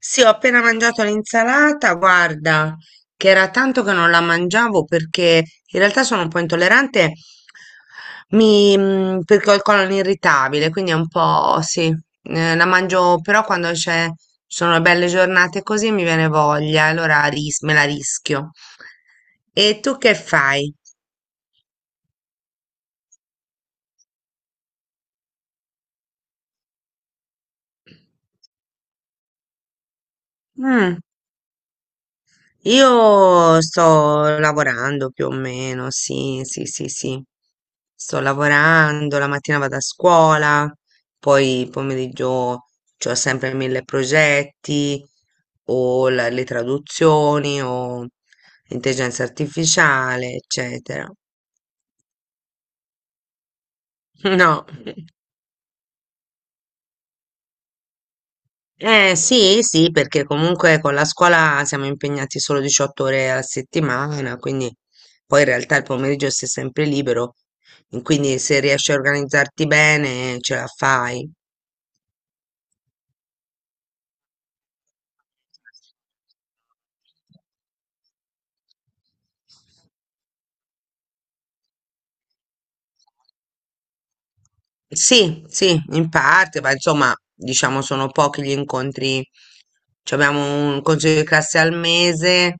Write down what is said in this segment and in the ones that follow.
Sì, ho appena mangiato l'insalata, guarda, che era tanto che non la mangiavo perché in realtà sono un po' intollerante, perché ho il colon irritabile, quindi è un po', sì, la mangio però quando ci sono belle giornate così mi viene voglia, allora me la rischio. E tu che fai? Mm. Io sto lavorando più o meno, sì, sì, sì, sì. Sto lavorando, la mattina vado a scuola, poi pomeriggio ho sempre mille progetti, o le traduzioni, o intelligenza artificiale, eccetera. No. Eh sì, sì, perché comunque con la scuola siamo impegnati solo 18 ore alla settimana, quindi poi in realtà il pomeriggio sei sempre libero, quindi se riesci a organizzarti bene ce la fai. Sì, sì, in parte, ma insomma, diciamo sono pochi gli incontri. Ci abbiamo un consiglio di classe al mese,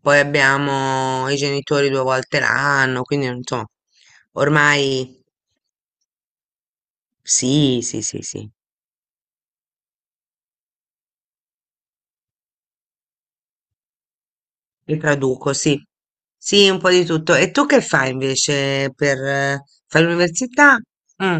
poi abbiamo i genitori due volte l'anno, quindi insomma, ormai sì, sì, sì, sì. Li traduco, sì. Sì, un po' di tutto. E tu che fai invece fai l'università? Mm,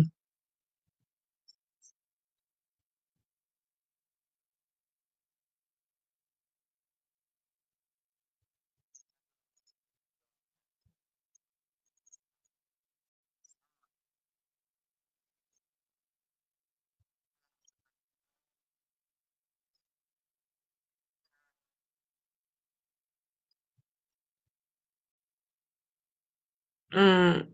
Mm,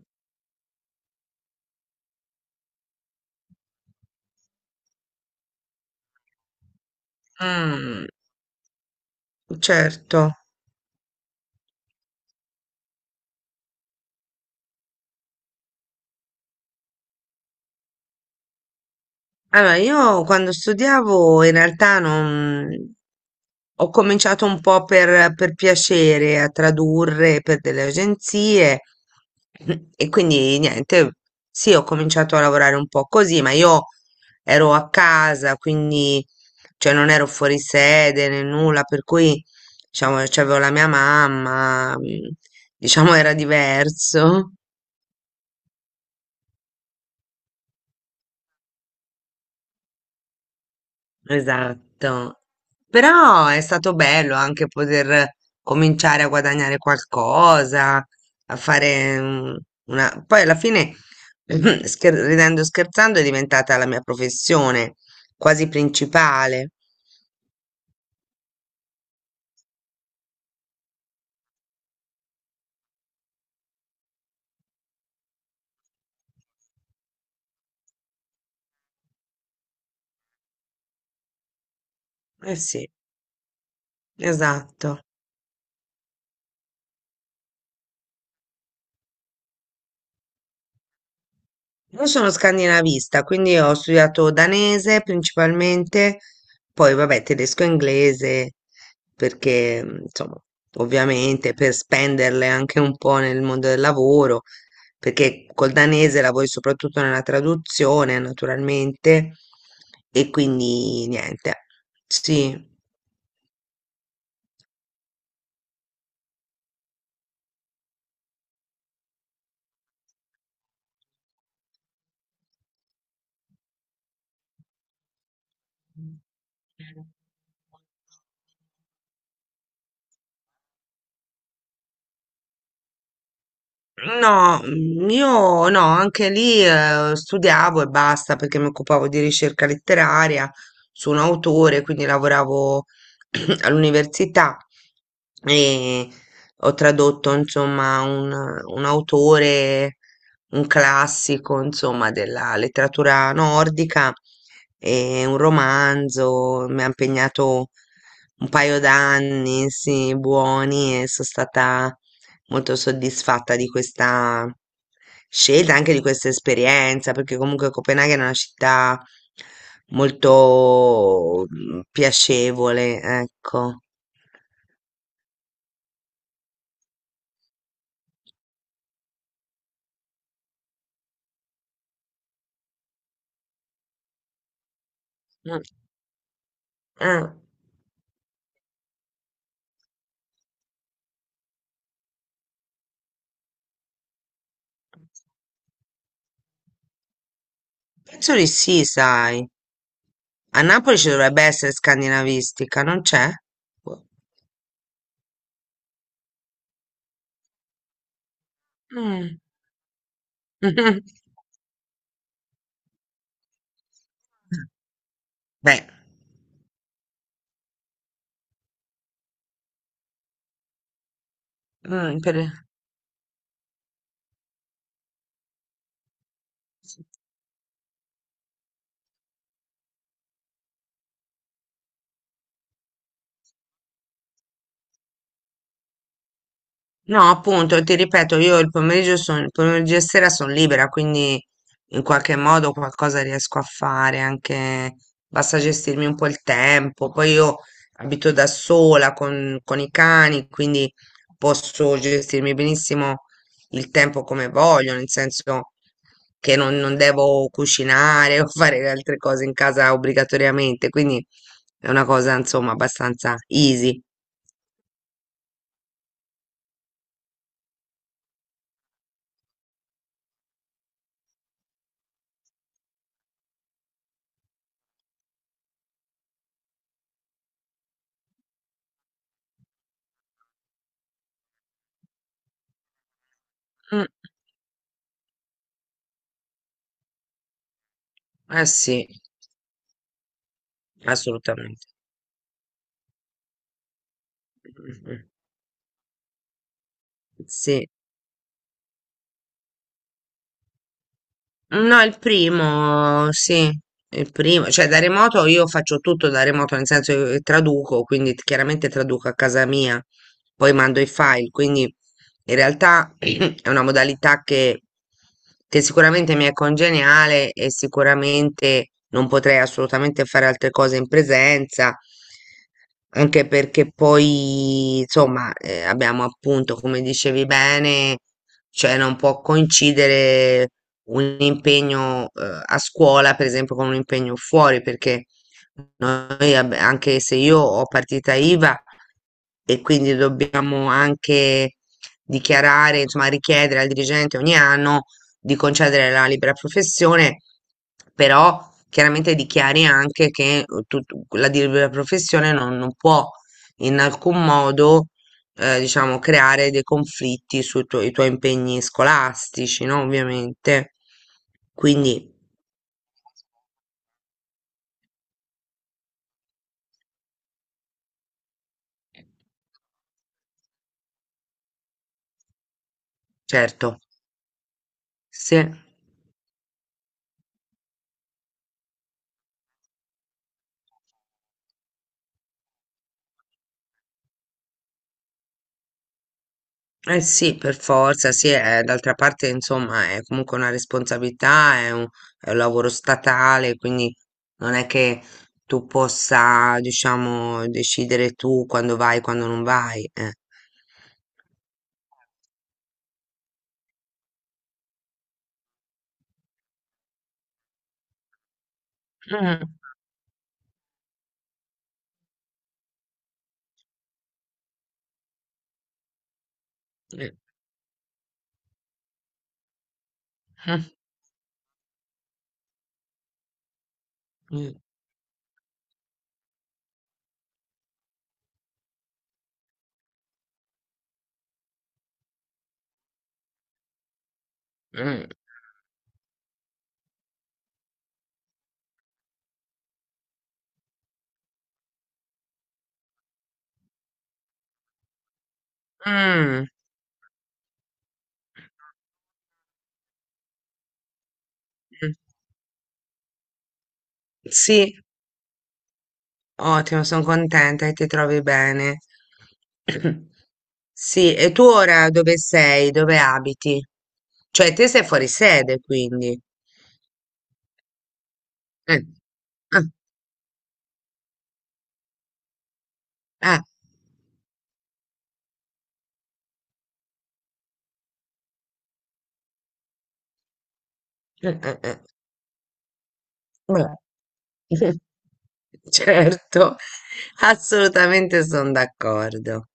mm, certo. Allora, io quando studiavo in realtà non, ho cominciato un po' per piacere a tradurre per delle agenzie e quindi niente, sì, ho cominciato a lavorare un po' così, ma io ero a casa, quindi cioè, non ero fuori sede né nulla, per cui diciamo, c'avevo la mia mamma, diciamo era diverso. Esatto. Però è stato bello anche poter cominciare a guadagnare qualcosa, a fare Poi alla fine, ridendo e scherzando, è diventata la mia professione quasi principale. Eh sì, esatto. Io sono scandinavista, quindi ho studiato danese principalmente, poi vabbè tedesco e inglese, perché insomma, ovviamente per spenderle anche un po' nel mondo del lavoro, perché col danese lavori soprattutto nella traduzione, naturalmente, e quindi niente, sì. No, io no, anche lì studiavo e basta perché mi occupavo di ricerca letteraria su un autore, quindi lavoravo all'università e ho tradotto insomma un, autore, un classico insomma della letteratura nordica e un romanzo, mi ha impegnato un paio d'anni, sì, buoni e sono stata molto soddisfatta di questa scelta, anche di questa esperienza, perché comunque Copenaghen è una città molto piacevole, ecco. Mm, eh, Penso di sì, sai. A Napoli ci dovrebbe essere scandinavistica, non c'è? Boh. Mm. Beh, mm, per- No, appunto, ti ripeto, io il pomeriggio sono, il pomeriggio e sera sono libera, quindi in qualche modo qualcosa riesco a fare, anche basta gestirmi un po' il tempo. Poi io abito da sola con, i cani, quindi posso gestirmi benissimo il tempo come voglio, nel senso che non devo cucinare o fare altre cose in casa obbligatoriamente, quindi è una cosa, insomma, abbastanza easy. Mm, eh sì, assolutamente. Mh-mh. Sì. No, il primo, sì, il primo, cioè da remoto io faccio tutto da remoto, nel senso che traduco, quindi chiaramente traduco a casa mia, poi mando i file, quindi in realtà è una modalità che sicuramente mi è congeniale e sicuramente non potrei assolutamente fare altre cose in presenza, anche perché poi, insomma, abbiamo appunto, come dicevi bene, cioè non può coincidere un impegno, a scuola, per esempio, con un impegno fuori, perché noi, anche se io ho partita IVA e quindi dobbiamo anche dichiarare, insomma, richiedere al dirigente ogni anno di concedere la libera professione, però chiaramente dichiari anche che la libera professione non può in alcun modo diciamo, creare dei conflitti i tuoi impegni scolastici, no? Ovviamente. Quindi, certo, sì, eh sì, per forza, sì, d'altra parte, insomma, è comunque una responsabilità, è un lavoro statale, quindi non è che tu possa, diciamo, decidere tu quando vai, quando non vai. Mm, eh, mm, mm, mm, mm, mm. Sì. Ottimo, sono contenta che ti trovi bene. Sì, e tu ora dove sei? Dove abiti? Cioè, te sei fuori sede, quindi. Eh, ah, ah, eh, eh, eh, vabbè. Certo, assolutamente sono d'accordo.